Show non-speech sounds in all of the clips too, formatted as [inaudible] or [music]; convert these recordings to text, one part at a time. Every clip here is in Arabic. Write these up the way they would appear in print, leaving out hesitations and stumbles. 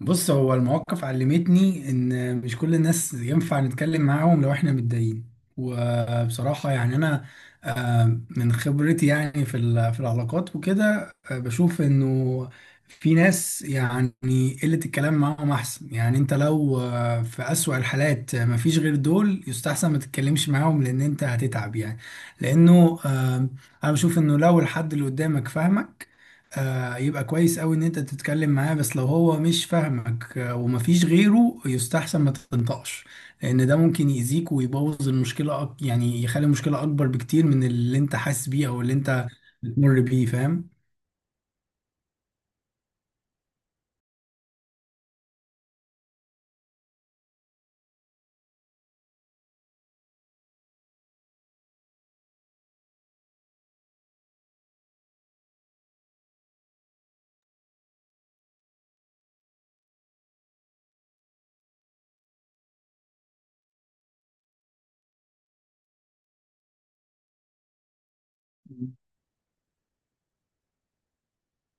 بص، هو المواقف علمتني ان مش كل الناس ينفع نتكلم معاهم لو احنا متضايقين. وبصراحة يعني انا، من خبرتي، يعني في العلاقات وكده، بشوف انه في ناس يعني قلة الكلام معاهم احسن. يعني انت لو في اسوأ الحالات، مفيش غير دول، يستحسن ما تتكلمش معاهم لان انت هتتعب يعني. لانه انا بشوف انه لو الحد اللي قدامك فاهمك، يبقى كويس أوي إن أنت تتكلم معاه. بس لو هو مش فاهمك، ومفيش غيره، يستحسن ما تنطقش، لأن ده ممكن يأذيك ويبوظ المشكلة، يعني يخلي المشكلة أكبر بكتير من اللي أنت حاسس بيه أو اللي أنت بتمر بيه، فاهم؟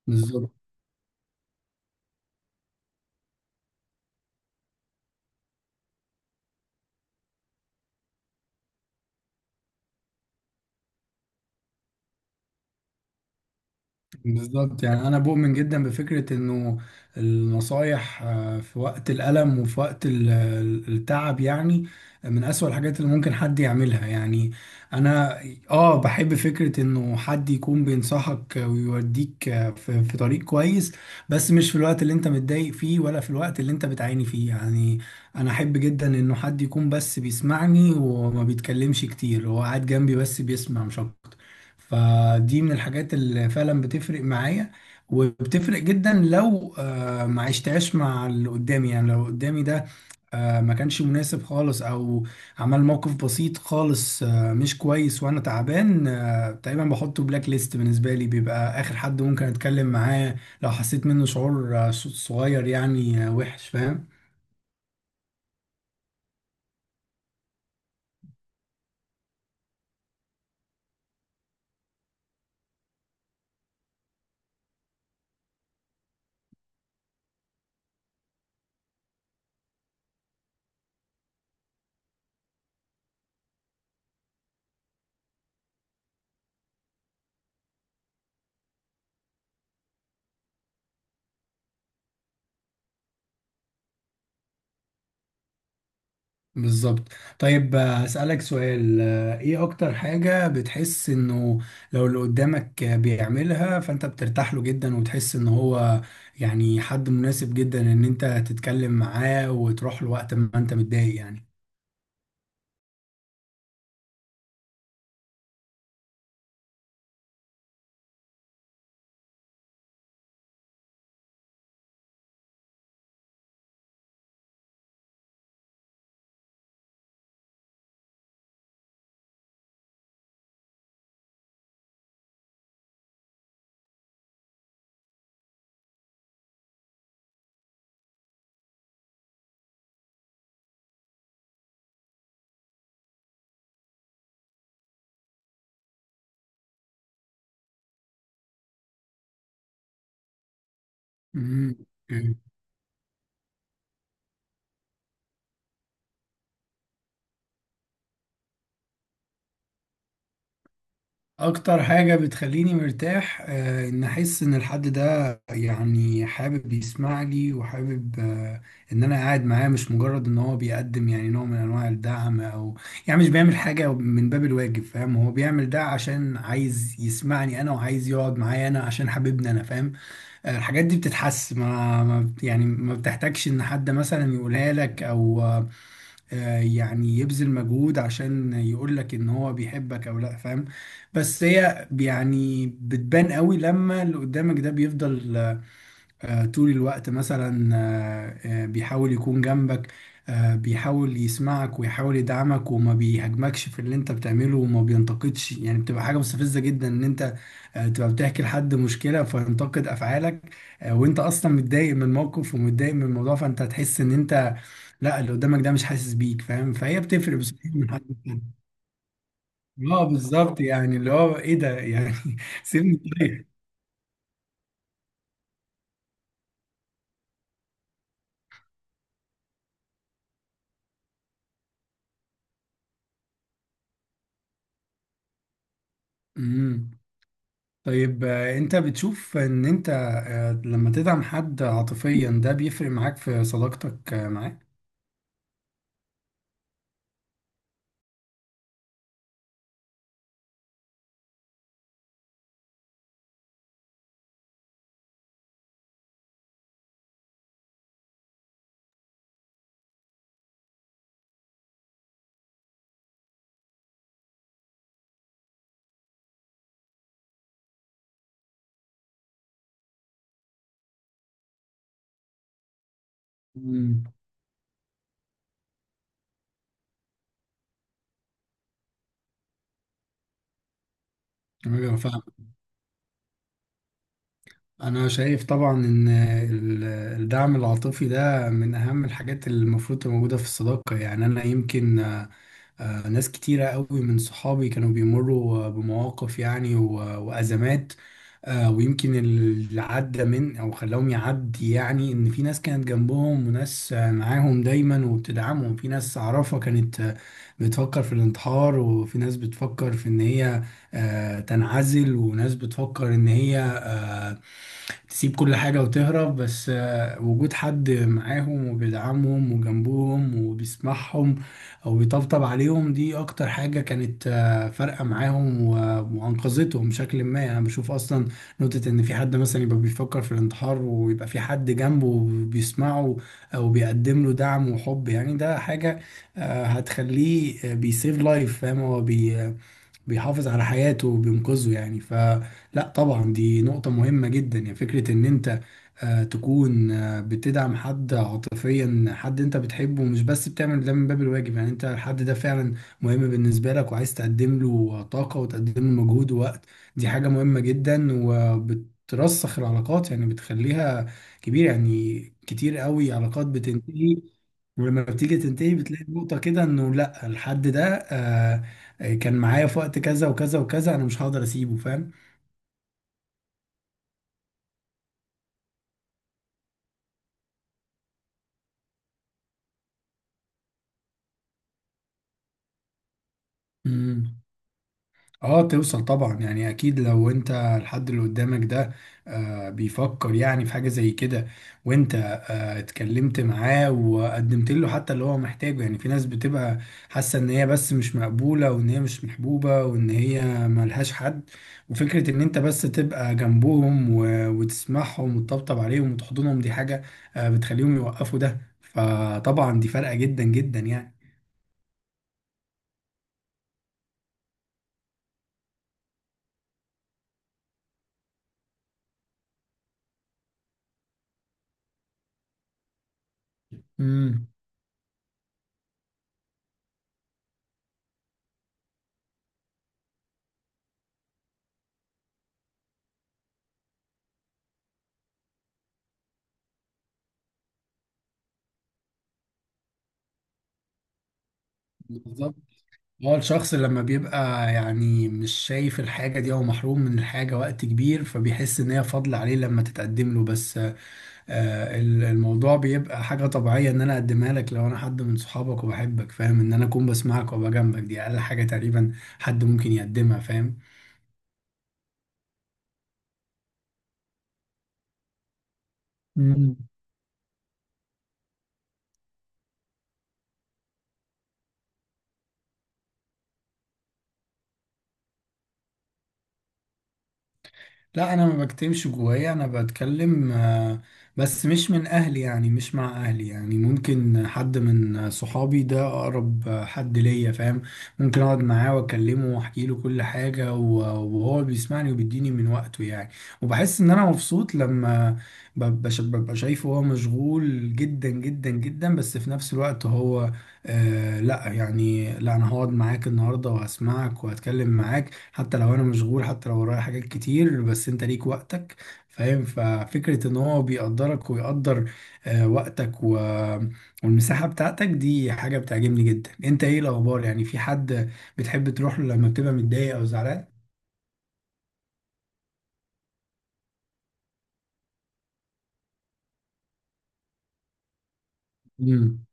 بالظبط. بالظبط، يعني انا بؤمن جدا بفكره انه النصايح، في وقت الالم وفي وقت التعب، يعني من اسوأ الحاجات اللي ممكن حد يعملها. يعني انا، اه، بحب فكره انه حد يكون بينصحك ويوديك، في في طريق كويس، بس مش في الوقت اللي انت متضايق فيه، ولا في الوقت اللي انت بتعاني فيه يعني. انا احب جدا انه حد يكون بس بيسمعني وما بيتكلمش كتير، هو قاعد جنبي بس بيسمع، مش اكتر. فدي من الحاجات اللي فعلا بتفرق معايا، وبتفرق جدا. لو ما عشتهاش مع اللي قدامي، يعني لو قدامي ده ما كانش مناسب خالص، او عمل موقف بسيط خالص، مش كويس، وانا تعبان، تقريبا بحطه بلاك ليست، بالنسبة لي بيبقى اخر حد ممكن اتكلم معاه، لو حسيت منه شعور صغير، يعني وحش، فاهم. بالظبط. طيب، أسألك سؤال، ايه اكتر حاجة بتحس انه لو اللي قدامك بيعملها فانت بترتاح له جدا، وتحس ان هو يعني حد مناسب جدا ان انت تتكلم معاه وتروح له وقت ما انت متضايق يعني؟ مم. اكتر حاجة بتخليني مرتاح، ان احس ان الحد ده يعني حابب يسمع لي، وحابب ان انا قاعد معاه، مش مجرد ان هو بيقدم يعني نوع من انواع الدعم، او يعني مش بيعمل حاجة من باب الواجب، فاهم؟ هو بيعمل ده عشان عايز يسمعني انا، وعايز يقعد معايا انا عشان حبيبني انا، فاهم؟ الحاجات دي بتتحس، يعني ما بتحتاجش ان حد مثلا يقولها لك، او يعني يبذل مجهود عشان يقول لك ان هو بيحبك او لا، فاهم؟ بس هي يعني بتبان قوي لما اللي قدامك ده بيفضل طول الوقت مثلا، بيحاول يكون جنبك، بيحاول يسمعك ويحاول يدعمك، وما بيهاجمكش في اللي انت بتعمله وما بينتقدش. يعني بتبقى حاجة مستفزة جدا ان انت تبقى بتحكي لحد مشكلة فينتقد افعالك، وانت اصلا متضايق من الموقف ومتضايق من الموضوع. فانت هتحس ان انت، لا، اللي قدامك ده مش حاسس بيك، فاهم؟ فهي بتفرق بصراحه من حد للتاني. اه بالظبط، يعني اللي هو ايه ده يعني [laughs] سيبني طيب. امم. طيب، انت بتشوف ان انت لما تدعم حد عاطفيا، ده بيفرق معاك في صداقتك معاه؟ امم. ايوه، فاهم. انا شايف طبعا ان الدعم العاطفي ده من اهم الحاجات اللي المفروض تبقى موجوده في الصداقه. يعني انا يمكن، ناس كتيرة قوي من صحابي كانوا بيمروا بمواقف يعني وأزمات، ويمكن اللي عدى من أو خلاهم يعدي، يعني إن في ناس كانت جنبهم، وناس معاهم دايما وبتدعمهم. في ناس أعرفها كانت بتفكر في الانتحار، وفي ناس بتفكر في إن هي تنعزل، وناس بتفكر إن هي تسيب كل حاجة وتهرب. بس وجود حد معاهم وبيدعمهم وجنبهم وبيسمعهم أو بيطبطب عليهم، دي أكتر حاجة كانت فارقة معاهم وأنقذتهم بشكل ما. يعني أنا بشوف أصلا نقطة إن في حد مثلا يبقى بيفكر في الانتحار، ويبقى في حد جنبه بيسمعه أو بيقدم له دعم وحب، يعني ده حاجة هتخليه بيسيف لايف، فاهم؟ هو بيحافظ على حياته وبينقذه يعني. فلا طبعا دي نقطة مهمة جدا. يعني فكرة ان انت تكون بتدعم حد عاطفيا، حد انت بتحبه، مش بس بتعمل ده من باب الواجب، يعني انت الحد ده فعلا مهم بالنسبة لك، وعايز تقدم له طاقة، وتقدم له مجهود ووقت، دي حاجة مهمة جدا وبترسخ العلاقات، يعني بتخليها كبيرة يعني. كتير قوي علاقات بتنتهي، ولما بتيجي تنتهي بتلاقي نقطة كده انه لا، الحد ده كان معايا في وقت كذا وكذا وكذا، انا مش هقدر اسيبه، فاهم. امم. اه، توصل طبعا، يعني اكيد لو انت الحد اللي قدامك ده آه بيفكر يعني في حاجة زي كده، وانت اتكلمت معاه وقدمت له حتى اللي هو محتاجه. يعني في ناس بتبقى حاسة ان هي بس مش مقبولة، وان هي مش محبوبة، وان هي ملهاش حد. وفكرة ان انت بس تبقى جنبهم وتسمعهم وتطبطب عليهم وتحضنهم، دي حاجة آه بتخليهم يوقفوا ده. فطبعا دي فارقة جدا جدا يعني. امم. بالظبط. هو الشخص لما بيبقى يعني مش شايف الحاجة دي أو محروم من الحاجة وقت كبير، فبيحس إن هي فضل عليه لما تتقدم له. بس آه الموضوع بيبقى حاجة طبيعية، إن أنا أقدمها لك لو أنا حد من صحابك وبحبك، فاهم؟ إن أنا أكون بسمعك وأبقى جنبك دي أقل حاجة تقريبا حد ممكن يقدمها، فاهم. مم. لا، انا ما بكتمش جوايا، انا بتكلم، بس مش من اهلي، يعني مش مع اهلي. يعني ممكن حد من صحابي، ده اقرب حد ليا، فاهم. ممكن اقعد معاه واكلمه واحكي له كل حاجة، وهو بيسمعني وبيديني من وقته يعني. وبحس ان انا مبسوط لما ببقى شايفه هو مشغول جدا جدا جدا، بس في نفس الوقت هو آه لا يعني، لا، انا هقعد معاك النهارده وهسمعك وهتكلم معاك، حتى لو انا مشغول، حتى لو ورايا حاجات كتير، بس انت ليك وقتك، فاهم. ففكرة ان هو بيقدرك ويقدر وقتك والمساحة بتاعتك، دي حاجة بتعجبني جدا. انت ايه الاخبار؟ يعني في حد بتحب تروح له لما بتبقى متضايق او زعلان؟ امم.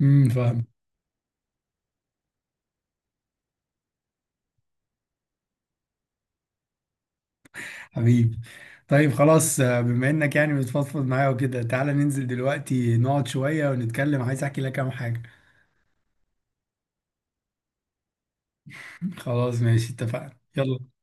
امم، فاهم. حبيبي. طيب خلاص، بما انك يعني بتفضفض معايا وكده، تعالى ننزل دلوقتي نقعد شوية ونتكلم، عايز احكي لك كام حاجة. خلاص، ماشي، اتفقنا، يلا.